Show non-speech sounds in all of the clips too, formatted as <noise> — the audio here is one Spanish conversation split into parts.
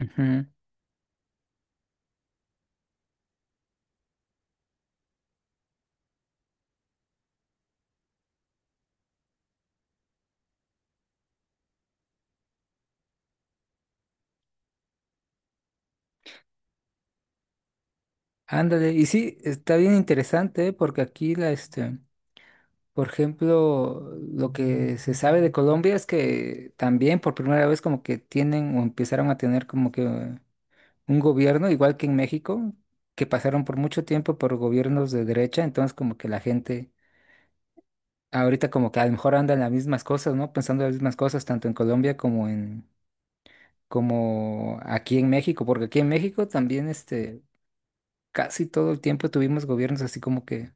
Ujú. Ándale, y sí, está bien interesante, ¿eh? Porque aquí por ejemplo, lo que se sabe de Colombia es que también por primera vez como que tienen o empezaron a tener como que un gobierno, igual que en México, que pasaron por mucho tiempo por gobiernos de derecha. Entonces como que la gente ahorita como que a lo mejor andan las mismas cosas, ¿no? Pensando en las mismas cosas tanto en como aquí en México, porque aquí en México también, casi todo el tiempo tuvimos gobiernos así como que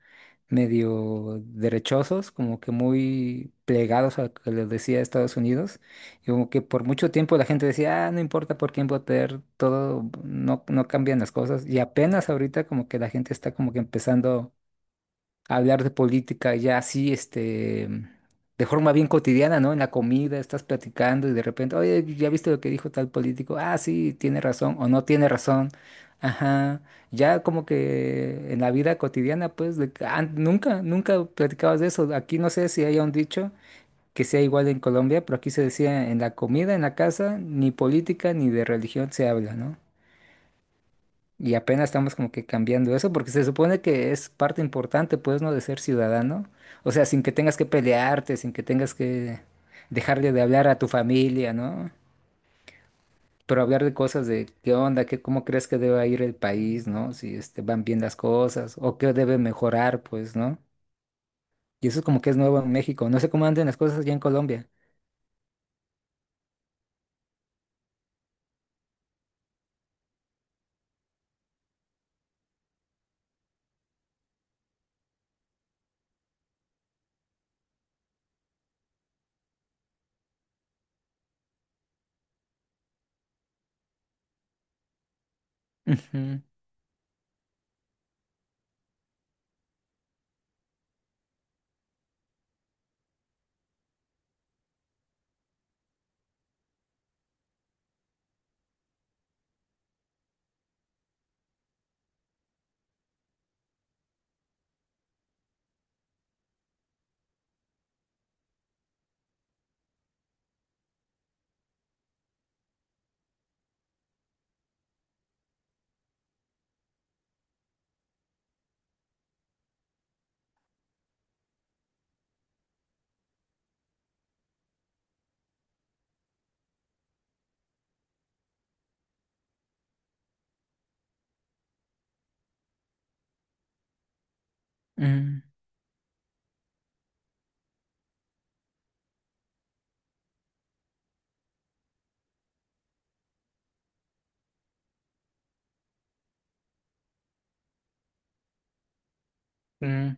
medio derechosos, como que muy plegados a lo que les decía Estados Unidos, y como que por mucho tiempo la gente decía, ah, no importa por quién votar, todo, no, no cambian las cosas. Y apenas ahorita como que la gente está como que empezando hablar de política ya así, de forma bien cotidiana, ¿no? En la comida, estás platicando y de repente, oye, ¿ya viste lo que dijo tal político? Ah, sí, tiene razón o no tiene razón. Ajá. Ya como que en la vida cotidiana, pues, de que, ah, nunca platicabas de eso. Aquí no sé si haya un dicho que sea igual en Colombia, pero aquí se decía en la comida, en la casa, ni política ni de religión se habla, ¿no? Y apenas estamos como que cambiando eso, porque se supone que es parte importante, pues, ¿no? De ser ciudadano. O sea, sin que tengas que pelearte, sin que tengas que dejarle de hablar a tu familia, ¿no? Pero hablar de cosas de qué onda, qué, cómo crees que debe ir el país, ¿no? Si este, van bien las cosas, o qué debe mejorar, pues, ¿no? Y eso es como que es nuevo en México. No sé cómo andan las cosas allá en Colombia. Ujú, ujú, ujú.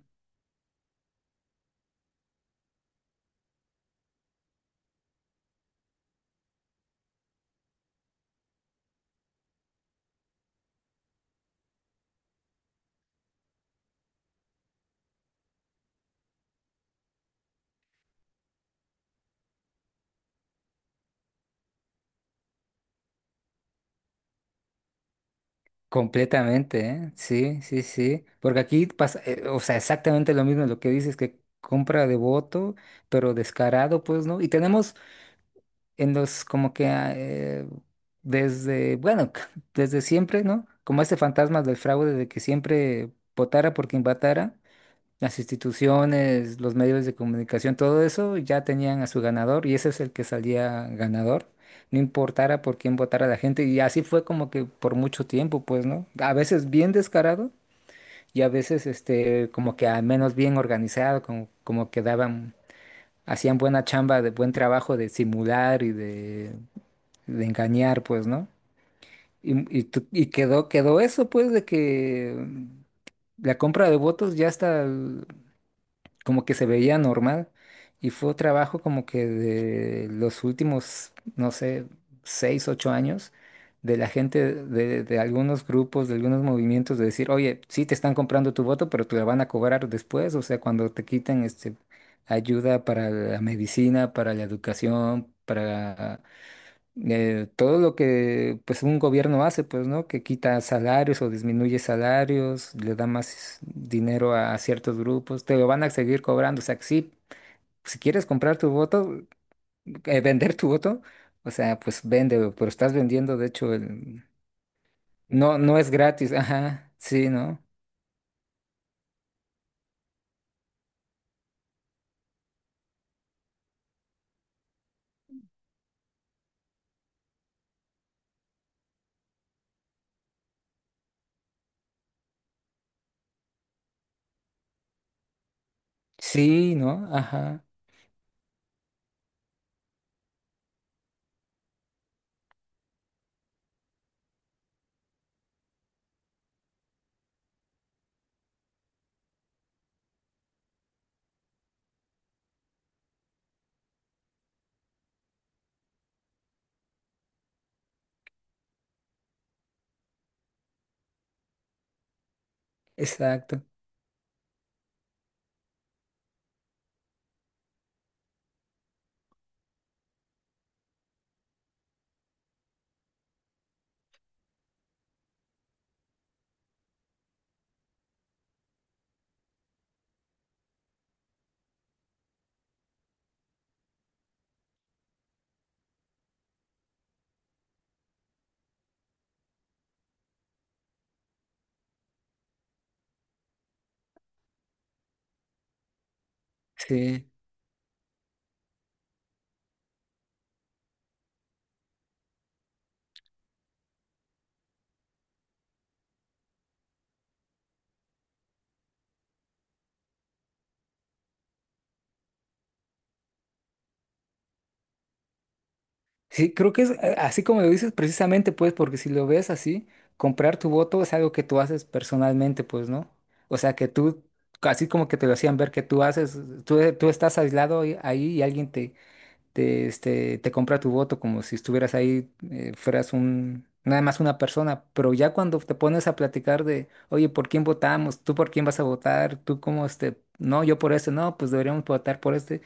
Completamente, ¿eh? Sí, sí, sí. Porque aquí pasa, o sea, exactamente lo mismo lo que dices, que compra de voto, pero descarado, pues, ¿no? Y tenemos en los, como que, ah, desde, bueno, <laughs> desde siempre, ¿no? Como ese fantasma del fraude de que siempre votara por quien votara las instituciones, los medios de comunicación, todo eso ya tenían a su ganador y ese es el que salía ganador, no importara por quién votara la gente y así fue como que por mucho tiempo, pues, ¿no? A veces bien descarado y a veces este como que al menos bien organizado, como que daban, hacían buena chamba, de buen trabajo de simular de engañar, pues, ¿no? Y quedó eso, pues, de que la compra de votos ya está como que se veía normal y fue trabajo como que de los últimos, no sé, 6, 8 años de la gente de algunos grupos, de algunos movimientos de decir, oye, sí te están comprando tu voto, pero te la van a cobrar después, o sea, cuando te quiten este ayuda para la medicina, para la educación, para todo lo que pues un gobierno hace, pues, ¿no? Que quita salarios o disminuye salarios, le da más dinero a ciertos grupos, te lo van a seguir cobrando. O sea, que sí, si quieres comprar tu voto, vender tu voto, o sea, pues véndelo, pero estás vendiendo, de hecho, el... No, no es gratis, <laughs> ajá, sí, ¿no? Sí, ¿no? Ajá, exacto, sí. Sí, creo que es así como lo dices precisamente, pues, porque si lo ves así, comprar tu voto es algo que tú haces personalmente, pues, ¿no? O sea, que tú, así como que te lo hacían ver que tú haces, tú estás aislado ahí y alguien te compra tu voto como si estuvieras ahí, fueras un, nada más una persona. Pero ya cuando te pones a platicar de, oye, ¿por quién votamos? ¿Tú por quién vas a votar? ¿Tú cómo este? No, yo por este, no, pues deberíamos votar por este.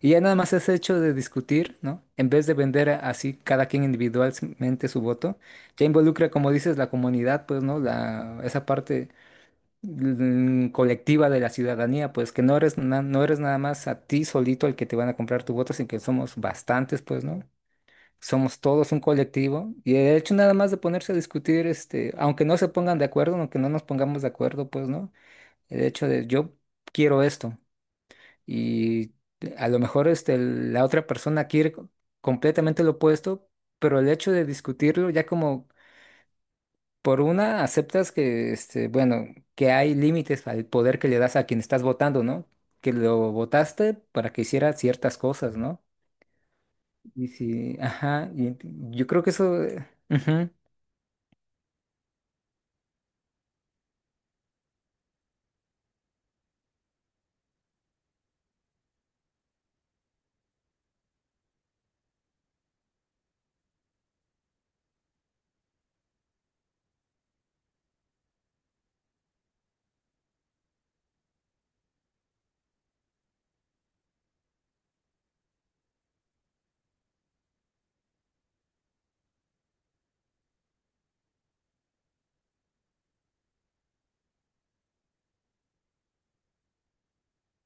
Y ya nada más es hecho de discutir, ¿no? En vez de vender así cada quien individualmente su voto, ya involucra, como dices, la comunidad, pues, ¿no? La, esa parte colectiva de la ciudadanía, pues que no eres, no eres nada más a ti solito el que te van a comprar tu voto, sino que somos bastantes, pues, ¿no? Somos todos un colectivo y el hecho nada más de ponerse a discutir, este, aunque no se pongan de acuerdo, aunque no nos pongamos de acuerdo, pues, ¿no? El hecho de yo quiero esto y a lo mejor este, la otra persona quiere completamente lo opuesto, pero el hecho de discutirlo ya como por una, aceptas que, este, bueno, que hay límites al poder que le das a quien estás votando, ¿no? Que lo votaste para que hiciera ciertas cosas, ¿no? Y si, ajá, yo creo que eso... ujú,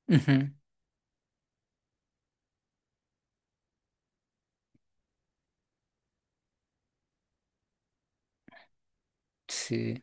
ujú, sí.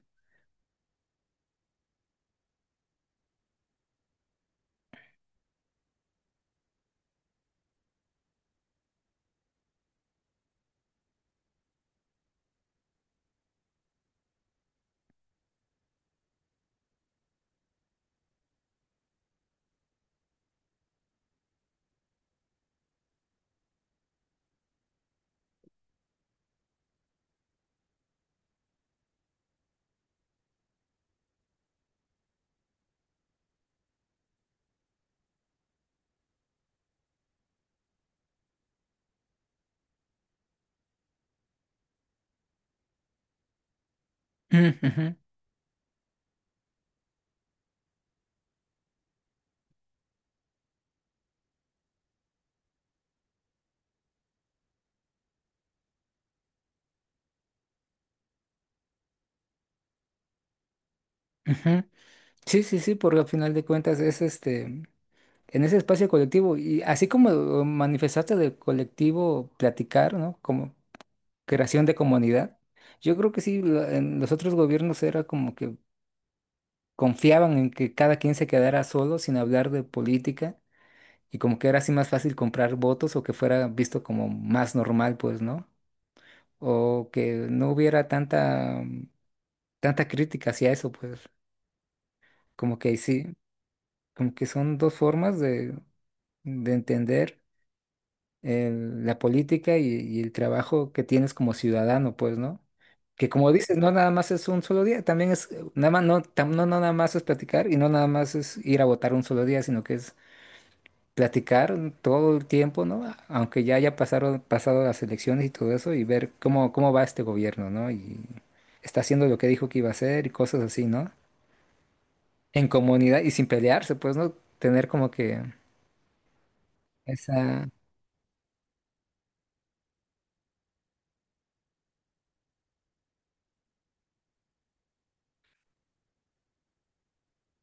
Mm, ujú, ujú. Sí, sí, sí, porque al final de cuentas es este, en ese espacio colectivo, y así como lo manifestaste del colectivo platicar, ¿no? Como creación de comunidad. Yo creo que sí, en los otros gobiernos era como que confiaban en que cada quien se quedara solo sin hablar de política y como que era así más fácil comprar votos o que fuera visto como más normal, pues, ¿no? O que no hubiera tanta, tanta crítica hacia eso, pues, como que sí, como que son dos formas de entender la política y el trabajo que tienes como ciudadano, pues, ¿no? Que como dices, no nada más es un solo día, también es, nada más, no, no nada más es platicar y no nada más es ir a votar un solo día, sino que es platicar todo el tiempo, ¿no? Aunque ya pasado las elecciones y todo eso, y ver cómo, cómo va este gobierno, ¿no? Y está haciendo lo que dijo que iba a hacer y cosas así, ¿no? En comunidad y sin pelearse, pues, ¿no? Tener como que esa...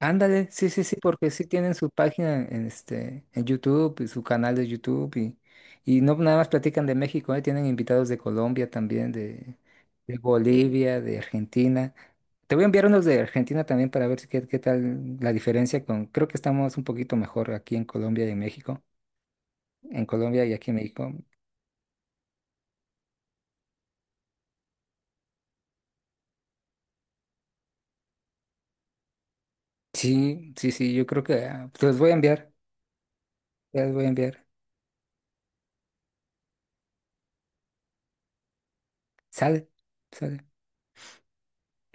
Ándale, sí, sí, sí, porque sí tienen su página en, este, en YouTube y su canal de YouTube y no nada más platican de México, ¿eh? Tienen invitados de Colombia también, de Bolivia, de Argentina. Te voy a enviar unos de Argentina también para ver si qué, qué tal la diferencia con, creo que estamos un poquito mejor aquí en Colombia y en México. En Colombia y aquí en México. Sí, sí, sí, yo creo que ah, te los voy a enviar. Sale, sale.